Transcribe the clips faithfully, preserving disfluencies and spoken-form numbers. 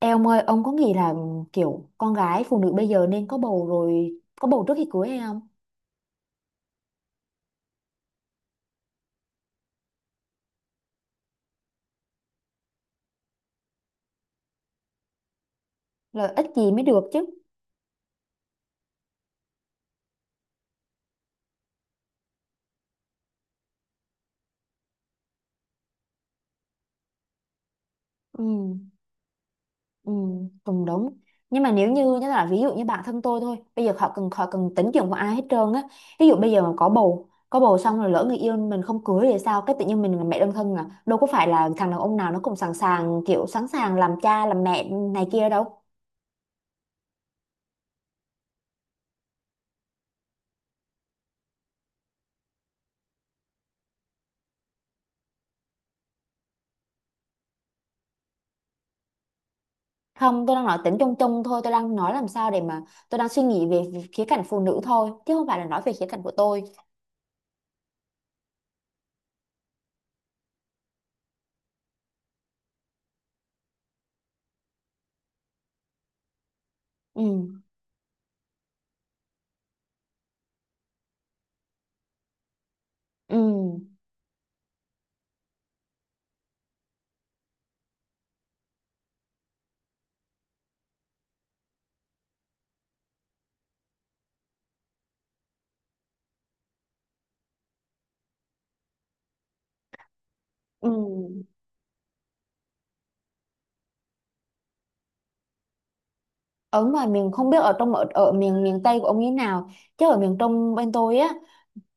Ê ông ơi, ông có nghĩ là kiểu con gái phụ nữ bây giờ nên có bầu rồi có bầu trước khi cưới hay không? Lợi ích gì mới được chứ. Ừ, ừ, cũng đúng. Nhưng mà nếu như như là ví dụ như bản thân tôi thôi, bây giờ họ cần họ cần tính chuyện của ai hết trơn á. Ví dụ bây giờ mà có bầu, có bầu xong rồi lỡ người yêu mình không cưới thì sao? Cái tự nhiên mình là mẹ đơn thân à? Đâu có phải là thằng đàn ông nào nó cũng sẵn sàng kiểu sẵn sàng làm cha làm mẹ này kia đâu. Không, tôi đang nói tính chung chung thôi, tôi đang nói làm sao để mà tôi đang suy nghĩ về khía cạnh phụ nữ thôi, chứ không phải là nói về khía cạnh của tôi. Ừ, ừ, ừ. Ở mà miền không biết ở trong ở, ở miền miền Tây của ông như thế nào, chứ ở miền Trung bên tôi á.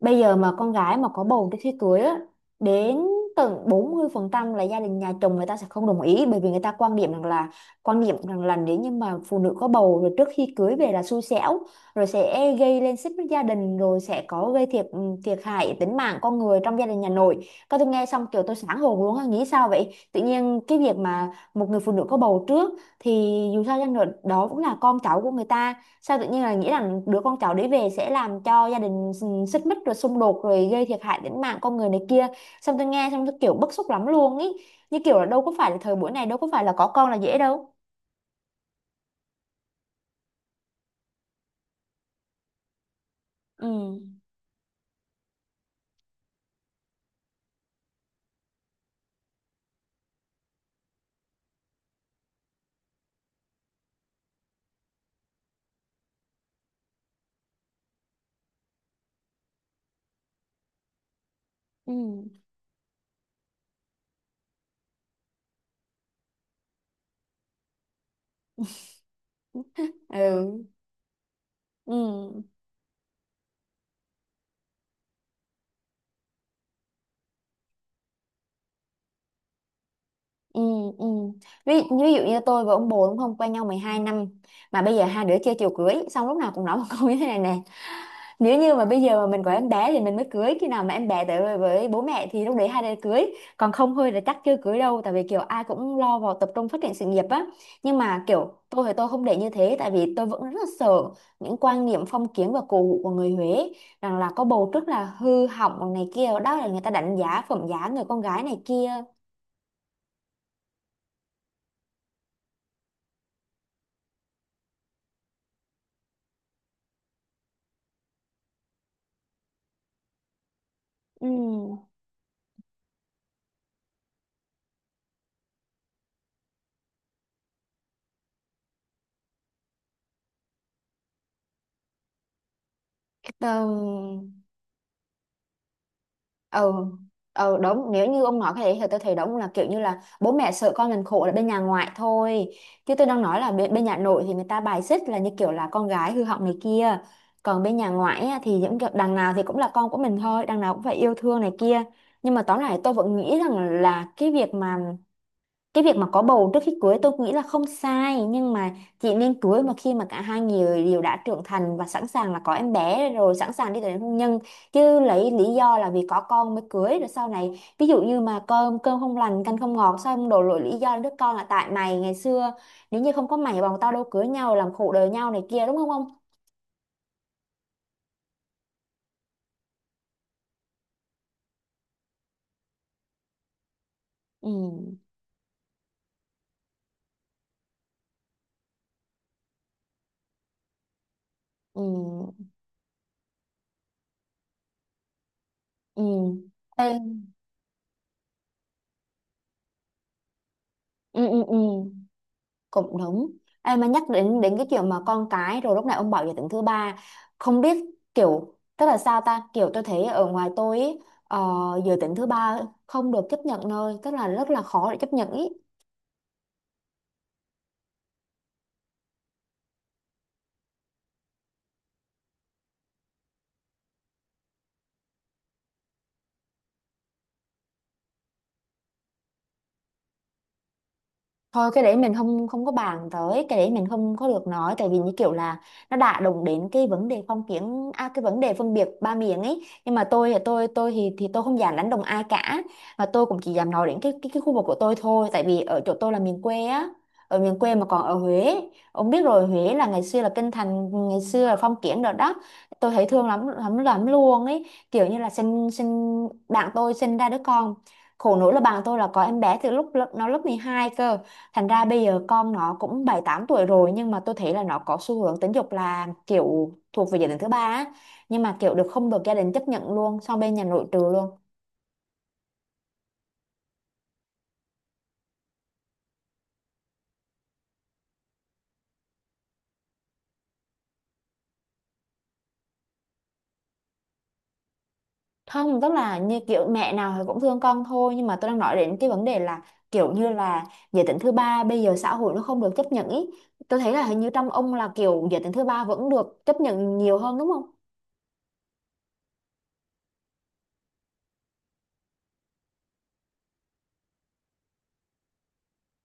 Bây giờ mà con gái mà có bầu trước khi cưới á, đến tận bốn mươi phần trăm là gia đình nhà chồng người ta sẽ không đồng ý, bởi vì người ta quan điểm rằng là quan điểm rằng là nếu như mà phụ nữ có bầu rồi trước khi cưới về là xui xẻo, rồi sẽ gây lên xích mích gia đình, rồi sẽ có gây thiệt ừ, thiệt hại tính mạng con người trong gia đình nhà nội. Các tôi nghe xong kiểu tôi sáng hồn luôn á, nghĩ sao vậy? Tự nhiên cái việc mà một người phụ nữ có bầu trước thì dù sao chăng nữa đó cũng là con cháu của người ta, sao tự nhiên là nghĩ rằng đứa con cháu đấy về sẽ làm cho gia đình s- xích mích rồi xung đột rồi gây thiệt hại đến mạng con người này kia. Xong tôi nghe xong tôi kiểu bức xúc lắm luôn ý, như kiểu là đâu có phải là thời buổi này đâu có phải là có con là dễ đâu. Ừ, ừ, ừ, ừ. Ừ, ừ. Ví, ví dụ như tôi và ông bồ đúng không, quen nhau mười hai năm mà bây giờ hai đứa chơi chiều cưới, xong lúc nào cũng nói một câu như thế này nè: nếu như mà bây giờ mà mình có em bé thì mình mới cưới, khi nào mà em bé tới với với bố mẹ thì lúc đấy hai đứa cưới, còn không thôi là chắc chưa cưới đâu, tại vì kiểu ai cũng lo vào tập trung phát triển sự nghiệp á. Nhưng mà kiểu tôi thì tôi không để như thế, tại vì tôi vẫn rất là sợ những quan niệm phong kiến và cổ hủ của người Huế, rằng là có bầu trước là hư hỏng này kia, đó là người ta đánh giá phẩm giá người con gái này kia. Ừ. Ờ, ừ, ừ, đúng, nếu như ông nói cái đấy thì tôi thấy đúng là kiểu như là bố mẹ sợ con mình khổ là bên nhà ngoại thôi, chứ tôi đang nói là bên, bên nhà nội thì người ta bài xích, là như kiểu là con gái hư hỏng này kia, còn bên nhà ngoại á, thì những kiểu đằng nào thì cũng là con của mình thôi, đằng nào cũng phải yêu thương này kia. Nhưng mà tóm lại tôi vẫn nghĩ rằng là cái việc mà cái việc mà có bầu trước khi cưới tôi nghĩ là không sai, nhưng mà chị nên cưới mà khi mà cả hai người đều đã trưởng thành và sẵn sàng là có em bé rồi, sẵn sàng đi tới đến hôn nhân, chứ lấy lý do là vì có con mới cưới rồi sau này ví dụ như mà cơm cơm không lành canh không ngọt, sao không đổ lỗi lý do đứa con là tại mày ngày xưa, nếu như không có mày bọn tao đâu cưới nhau làm khổ đời nhau này kia, đúng không không. Ừ, ừ, ừ. Ê, ừ, ừ, ừ, cũng đúng. Ê, mà nhắc đến đến cái chuyện mà con cái rồi, lúc này ông bảo giới tính thứ ba, không biết kiểu tức là sao ta, kiểu tôi thấy ở ngoài tôi ý, ờ, giới tính thứ ba không được chấp nhận nơi, tức là rất là khó để chấp nhận ý. Thôi cái đấy mình không không có bàn tới, cái đấy mình không có được nói, tại vì như kiểu là nó đã đụng đến cái vấn đề phong kiến à, cái vấn đề phân biệt ba miền ấy, nhưng mà tôi thì tôi tôi thì thì tôi không dám đánh đồng ai cả, mà tôi cũng chỉ dám nói đến cái cái, cái khu vực của tôi thôi, tại vì ở chỗ tôi là miền quê á, ở miền quê mà còn ở Huế, ông biết rồi, Huế là ngày xưa là kinh thành, ngày xưa là phong kiến rồi đó. Tôi thấy thương lắm lắm lắm luôn ấy, kiểu như là sinh sinh bạn tôi sinh ra đứa con, khổ nỗi là bạn tôi là có em bé từ lúc lớp- nó lớp mười hai cơ. Thành ra bây giờ con nó cũng bảy tám tuổi rồi, nhưng mà tôi thấy là nó có xu hướng tính dục là kiểu thuộc về gia đình thứ ba á. Nhưng mà kiểu được không được gia đình chấp nhận luôn, xong bên nhà nội trừ luôn. Không, tức là như kiểu mẹ nào thì cũng thương con thôi, nhưng mà tôi đang nói đến cái vấn đề là kiểu như là giới tính thứ ba bây giờ xã hội nó không được chấp nhận ý. Tôi thấy là hình như trong ông là kiểu giới tính thứ ba vẫn được chấp nhận nhiều hơn đúng không?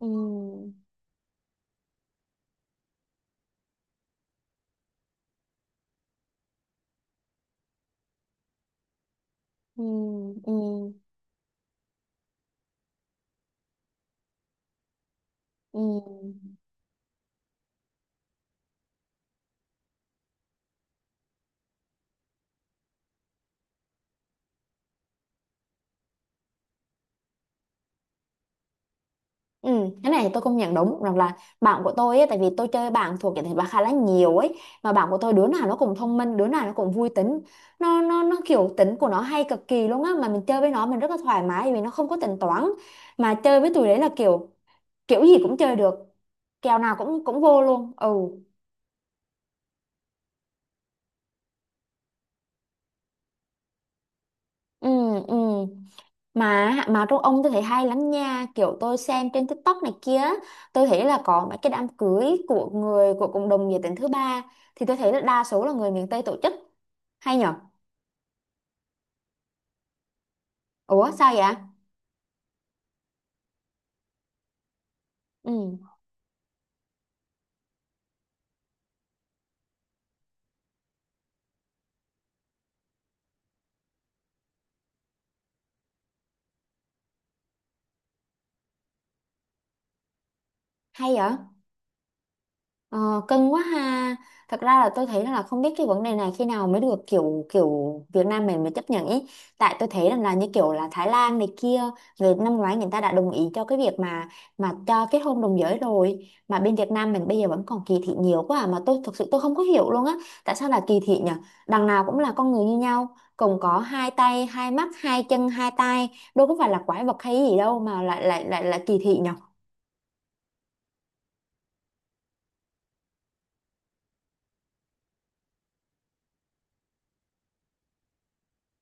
Ừ, ừ, ừ, ừ. Ừ, cái này thì tôi công nhận đúng, rằng là bạn của tôi ấy, tại vì tôi chơi bạn thuộc cái thể loại khá là nhiều ấy, mà bạn của tôi đứa nào nó cũng thông minh, đứa nào nó cũng vui tính, nó nó nó kiểu tính của nó hay cực kỳ luôn á, mà mình chơi với nó mình rất là thoải mái vì nó không có tính toán, mà chơi với tụi đấy là kiểu kiểu gì cũng chơi được, kèo nào cũng cũng vô luôn. Ừ, ừ, ừ. Mà mà trong ông tôi thấy hay lắm nha, kiểu tôi xem trên TikTok này kia á, tôi thấy là có mấy cái đám cưới của người của cộng đồng giới tính thứ ba, thì tôi thấy là đa số là người miền Tây tổ chức, hay nhở. Ủa sao vậy. Ừ, hay vậy. Ờ, cưng quá ha. Thật ra là tôi thấy là không biết cái vấn đề này khi nào mới được kiểu kiểu Việt Nam mình mới chấp nhận ý, tại tôi thấy rằng là như kiểu là Thái Lan này kia, người năm ngoái người ta đã đồng ý cho cái việc mà mà cho kết hôn đồng giới rồi, mà bên Việt Nam mình bây giờ vẫn còn kỳ thị nhiều quá à. Mà tôi thực sự tôi không có hiểu luôn á, tại sao là kỳ thị nhở, đằng nào cũng là con người như nhau, cùng có hai tay hai mắt hai chân hai tay, đâu có phải là quái vật hay gì đâu mà lại lại lại lại kỳ thị nhở.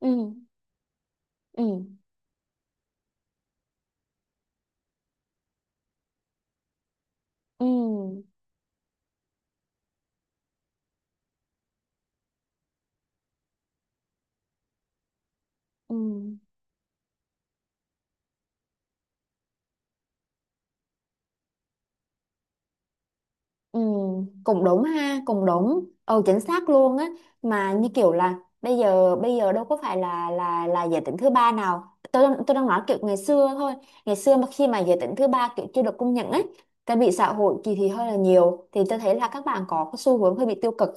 Ừ, ừ, ừ, ừ, ừ, cũng đúng ha, cũng đúng, ừ, chính xác luôn á. Mà như kiểu là bây giờ bây giờ đâu có phải là là là giới tính thứ ba nào, tôi đang- tôi đang nói kiểu ngày xưa thôi, ngày xưa mà khi mà giới tính thứ ba kiểu chưa được công nhận ấy, tại bị xã hội kỳ thị hơi là nhiều, thì tôi thấy là các bạn có cái xu hướng hơi bị tiêu cực,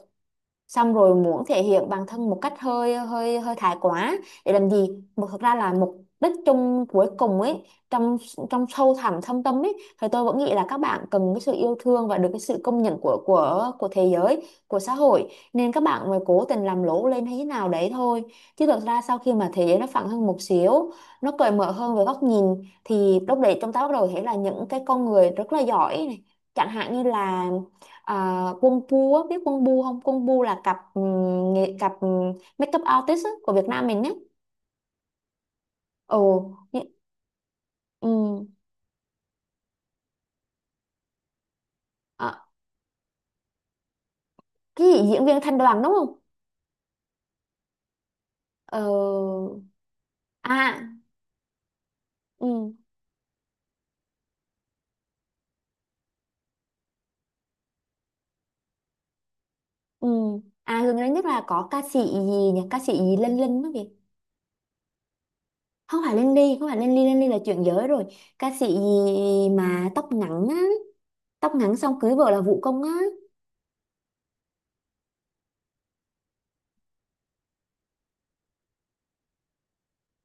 xong rồi muốn thể hiện bản thân một cách hơi hơi hơi thái quá để làm gì, mà thực ra là mục đích chung cuối cùng ấy, trong trong sâu thẳm thâm tâm ấy thì tôi vẫn nghĩ là các bạn cần cái sự yêu thương và được cái sự công nhận của của của thế giới, của xã hội, nên các bạn mới cố tình làm lố lên hay thế nào đấy thôi. Chứ thực ra sau khi mà thế giới nó phẳng hơn một xíu, nó cởi mở hơn về góc nhìn, thì lúc đấy chúng ta bắt đầu thấy là những cái con người rất là giỏi này, chẳng hạn như là, à, Quân Bu á, biết Quân Bu không? Quân Bu là cặp ừm, nghệ cặp ừm, makeup artist á, của Việt Nam mình nhé. Ồ, nhị- ừm, à, cái gì diễn viên Thanh Đoàn đúng không? Ờ, à, ừm, ừm. À gần đây nhất là có ca sĩ gì nhỉ? Ca sĩ gì Linh Linh đó kìa. Không phải Linh Ly, không phải Linh Ly, Linh Ly là chuyện giới rồi. Ca sĩ gì mà tóc ngắn á, tóc ngắn xong cưới vợ là Vũ Công á.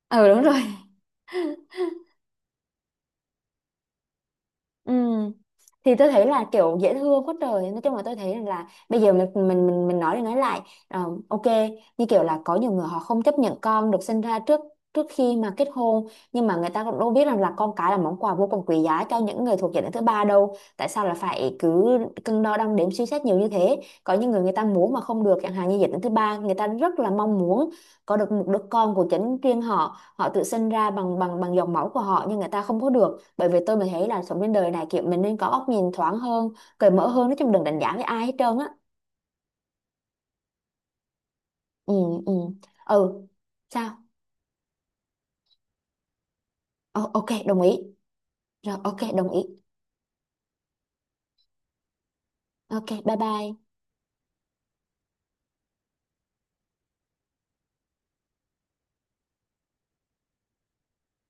Ờ đúng rồi. Ừ. Thì tôi thấy là kiểu dễ thương quá trời, nói chung là tôi thấy rằng là bây giờ mình mình mình, mình nói đi nói lại, ờ, ok, như kiểu là có nhiều người họ không chấp nhận con được sinh ra trước trước khi mà kết hôn, nhưng mà người ta cũng đâu biết rằng là con cái là món quà vô cùng quý giá cho những người thuộc giới tính thứ ba đâu, tại sao là phải cứ cân đo đong đếm suy xét nhiều như thế, có những người người ta muốn mà không được, chẳng hạn như giới tính thứ ba người ta rất là mong muốn có được một đứa con của chính riêng họ, họ tự sinh ra bằng bằng bằng dòng máu của họ, nhưng người ta không có được, bởi vì tôi mình thấy là sống trên đời này kiểu mình nên có góc nhìn thoáng hơn, cởi mở hơn, nói chung đừng đánh giá với ai hết trơn á. Ừ, ừ, ừ. Sao. Ồ, ok, đồng ý. Rồi ok, đồng ý. Ok, bye bye.